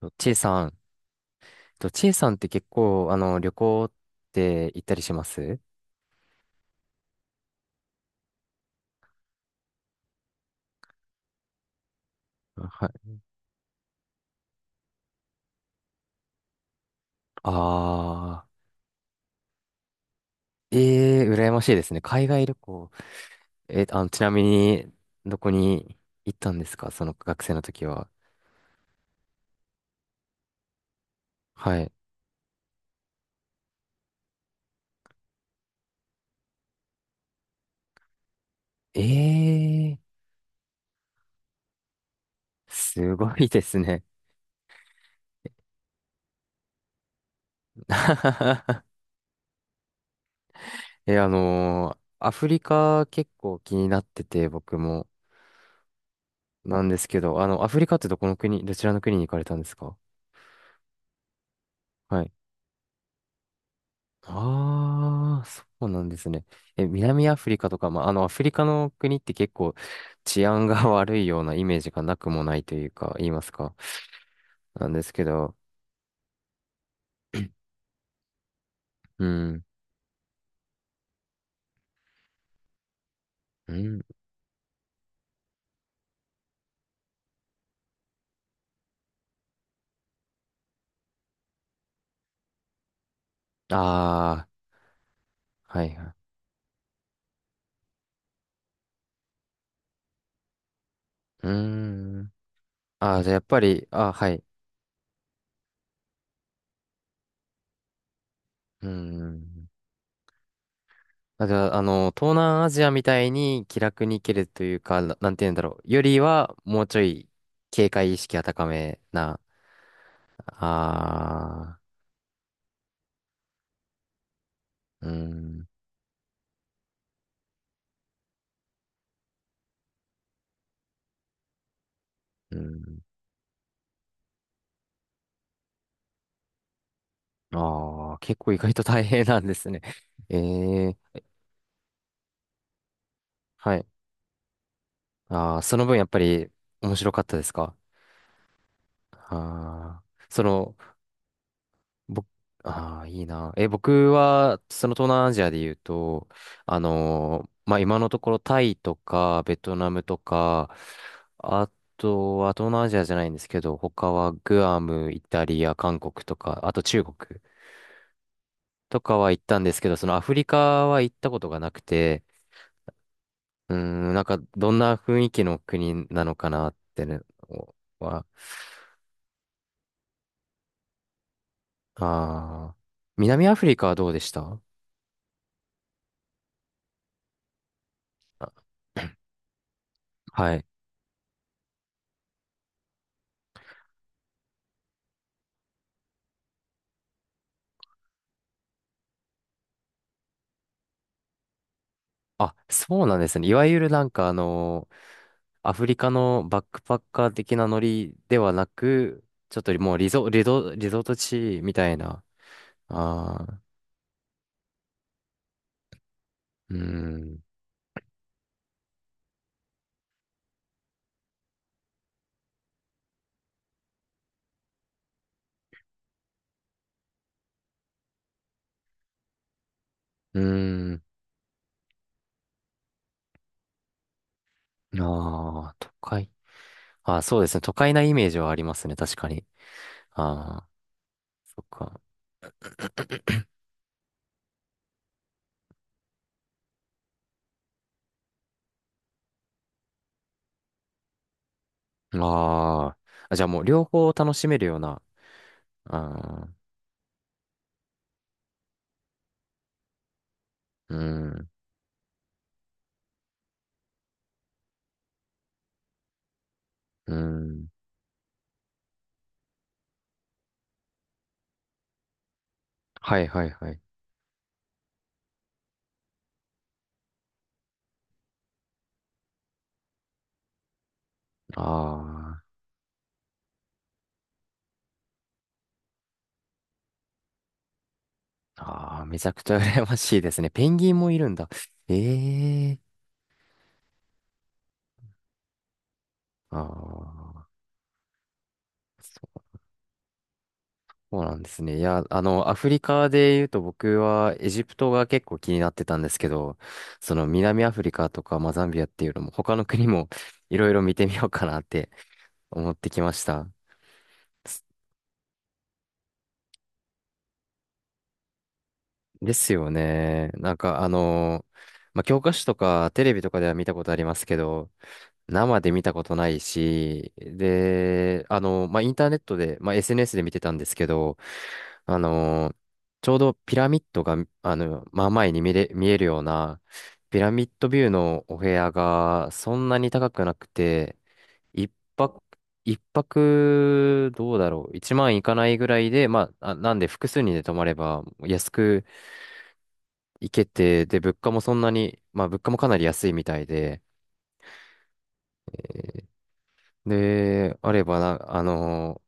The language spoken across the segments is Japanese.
とちいさん、とちいさんって結構、旅行って行ったりします。はい。あ羨ましいですね。海外旅行。ちなみに、どこに行ったんですかその学生の時は。はい。えー、すごいですね。アフリカ結構気になってて、僕も。なんですけど、あの、アフリカってどこの国、どちらの国に行かれたんですか。はい。ああ、そうなんですね。え、南アフリカとか、まあ、あの、アフリカの国って結構治安が 悪いようなイメージがなくもないというか、言いますか。なんですけど、うん、うん、ああ、はいはい、うーん、ああ、じゃあやっぱり、ああ、はい、うーん。あ、じゃあ、あの、東南アジアみたいに気楽に行けるというか、なんて言うんだろう。よりは、もうちょい警戒意識が高めな。ああ、うーん、うん。ああ、結構意外と大変なんですね。ええ、はい。ああ、その分やっぱり面白かったですか。ああその、僕、ああ、いいな。え、僕は、その東南アジアで言うと、まあ、今のところタイとか、ベトナムとか、あとは東南アジアじゃないんですけど、他はグアム、イタリア、韓国とか、あと中国とかは行ったんですけど、そのアフリカは行ったことがなくて、うーん、なんか、どんな雰囲気の国なのかなってね、は、ああ、南アフリカはどうでした。あ、はい。あ、そうなんですね。いわゆるなんかあの、アフリカのバックパッカー的なノリではなく、ちょっともうリゾート地みたいな。ああ、うーん、うーん、ああ、都会。ああ、そうですね。都会なイメージはありますね。確かに。ああ、そっか。あー、あ、じゃあもう両方楽しめるような。あー、うん、うん。はいはいはい。ああ、ああ、めちゃくちゃ羨ましいですね。ペンギンもいるんだ。ええ。ああ、そうなんですね。いや、あの、アフリカで言うと僕はエジプトが結構気になってたんですけど、その南アフリカとか、まあ、ザンビアっていうのも他の国もいろいろ見てみようかなって思ってきました。ですよね。まあ、教科書とかテレビとかでは見たことありますけど、生で見たことないし、で、まあ、インターネットで、まあ、SNS で見てたんですけど、あのーちょうどピラミッドが、あの、まあ前に見れ、見えるような、ピラミッドビューのお部屋がそんなに高くなくて、一泊、一泊どうだろう、1万いかないぐらいで、まあ、あ、なんで複数人で泊まれば安く行けて、で、物価もそんなに、まあ物価もかなり安いみたいで、で、あればな、あの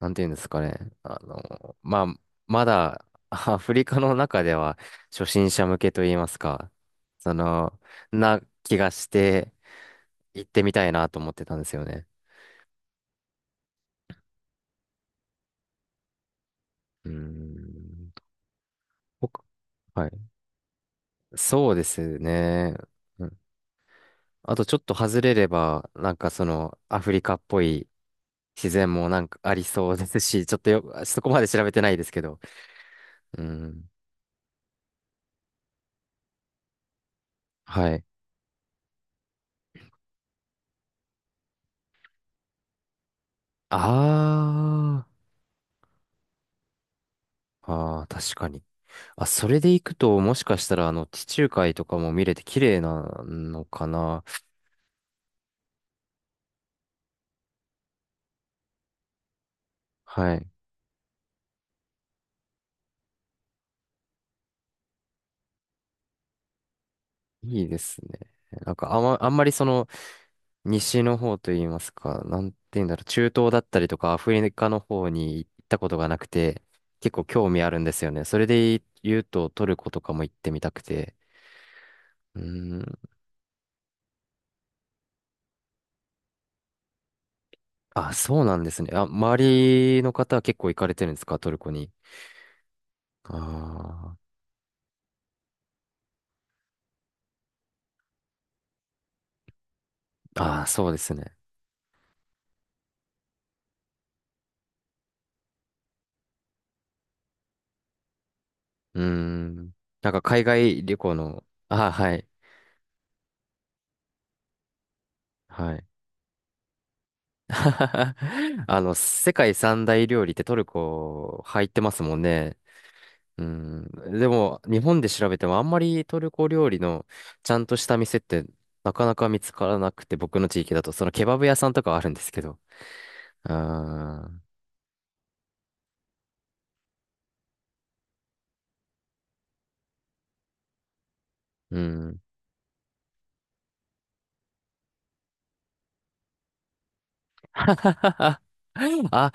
ー、なんていうんですかね、まあ、まだ アフリカの中では初心者向けといいますか、その、な気がして行ってみたいなと思ってたんですよね。うーん。僕、はい。そうですね。うん。あとちょっと外れれば、なんかそのアフリカっぽい自然もなんかありそうですし、ちょっとよ、そこまで調べてないですけど。うん。はい。ああ、ああ、確かに。あ、それで行くと、もしかしたら、あの、地中海とかも見れて綺麗なのかな。はい。いいですね。なんか、あんまりその、西の方といいますか、なんて言うんだろう、中東だったりとか、アフリカの方に行ったことがなくて、結構興味あるんですよね。それで言うと、トルコとかも行ってみたくて。うーん。あ、そうなんですね。あ、周りの方は結構行かれてるんですか、トルコに。ああ、ああ、そうですね。うーん。なんか海外旅行の、あ、はい、はい。あの、世界三大料理ってトルコ入ってますもんね。うん。でも、日本で調べてもあんまりトルコ料理のちゃんとした店ってなかなか見つからなくて、僕の地域だと、そのケバブ屋さんとかはあるんですけど。うーん。うん。あ、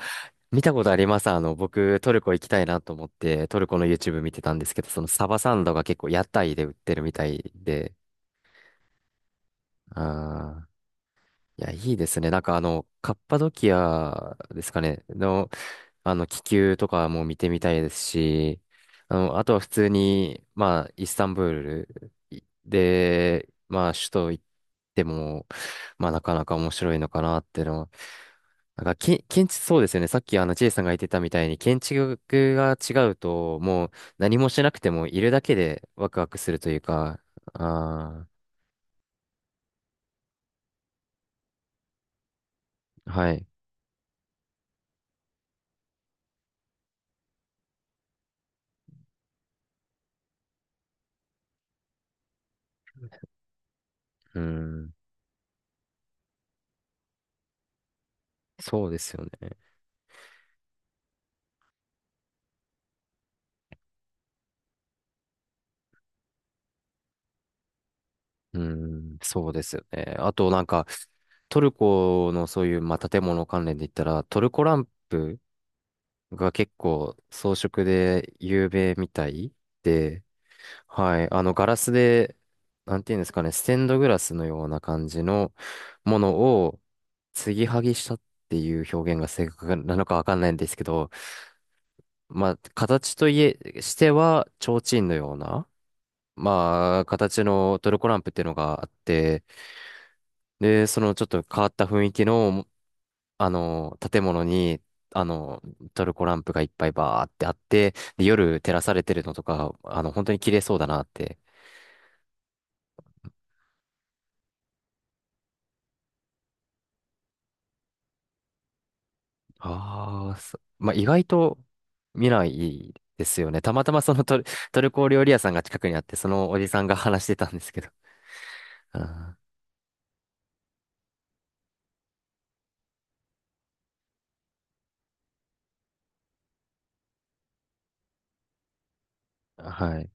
見たことあります。あの、僕、トルコ行きたいなと思って、トルコの YouTube 見てたんですけど、そのサバサンドが結構屋台で売ってるみたいで、ああ、いや、いいですね。なんかあの、カッパドキアですかね、の、あの、気球とかも見てみたいですし、あの、あとは普通に、まあ、イスタンブールいで、まあ、首都行っても、まあ、なかなか面白いのかなっていうのは、なんか、建築、そうですよね。さっきあの J さんが言ってたみたいに、建築が違うと、もう何もしなくてもいるだけでワクワクするというか、ああ、はい。うん、そうですよね。うん、そうですよね。あとなんか、トルコのそういう、まあ、建物関連で言ったら、トルコランプが結構装飾で有名みたいで、はい。あの、ガラスで、なんていうんですかね、ステンドグラスのような感じのものを継ぎはぎしたっていう表現が正確なのかわかんないんですけど、まあ、形といえ、しては、提灯のような、まあ、形のトルコランプっていうのがあって、で、そのちょっと変わった雰囲気の、あの、建物に、あの、トルコランプがいっぱいバーってあって、で、夜照らされてるのとか、あの、本当に綺麗そうだなって。ああ、まあ、意外と見ないですよね。たまたまトルコ料理屋さんが近くにあって、そのおじさんが話してたんですけど。あー、はい。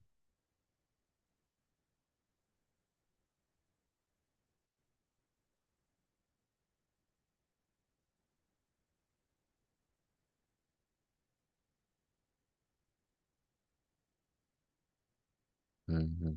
うんうん。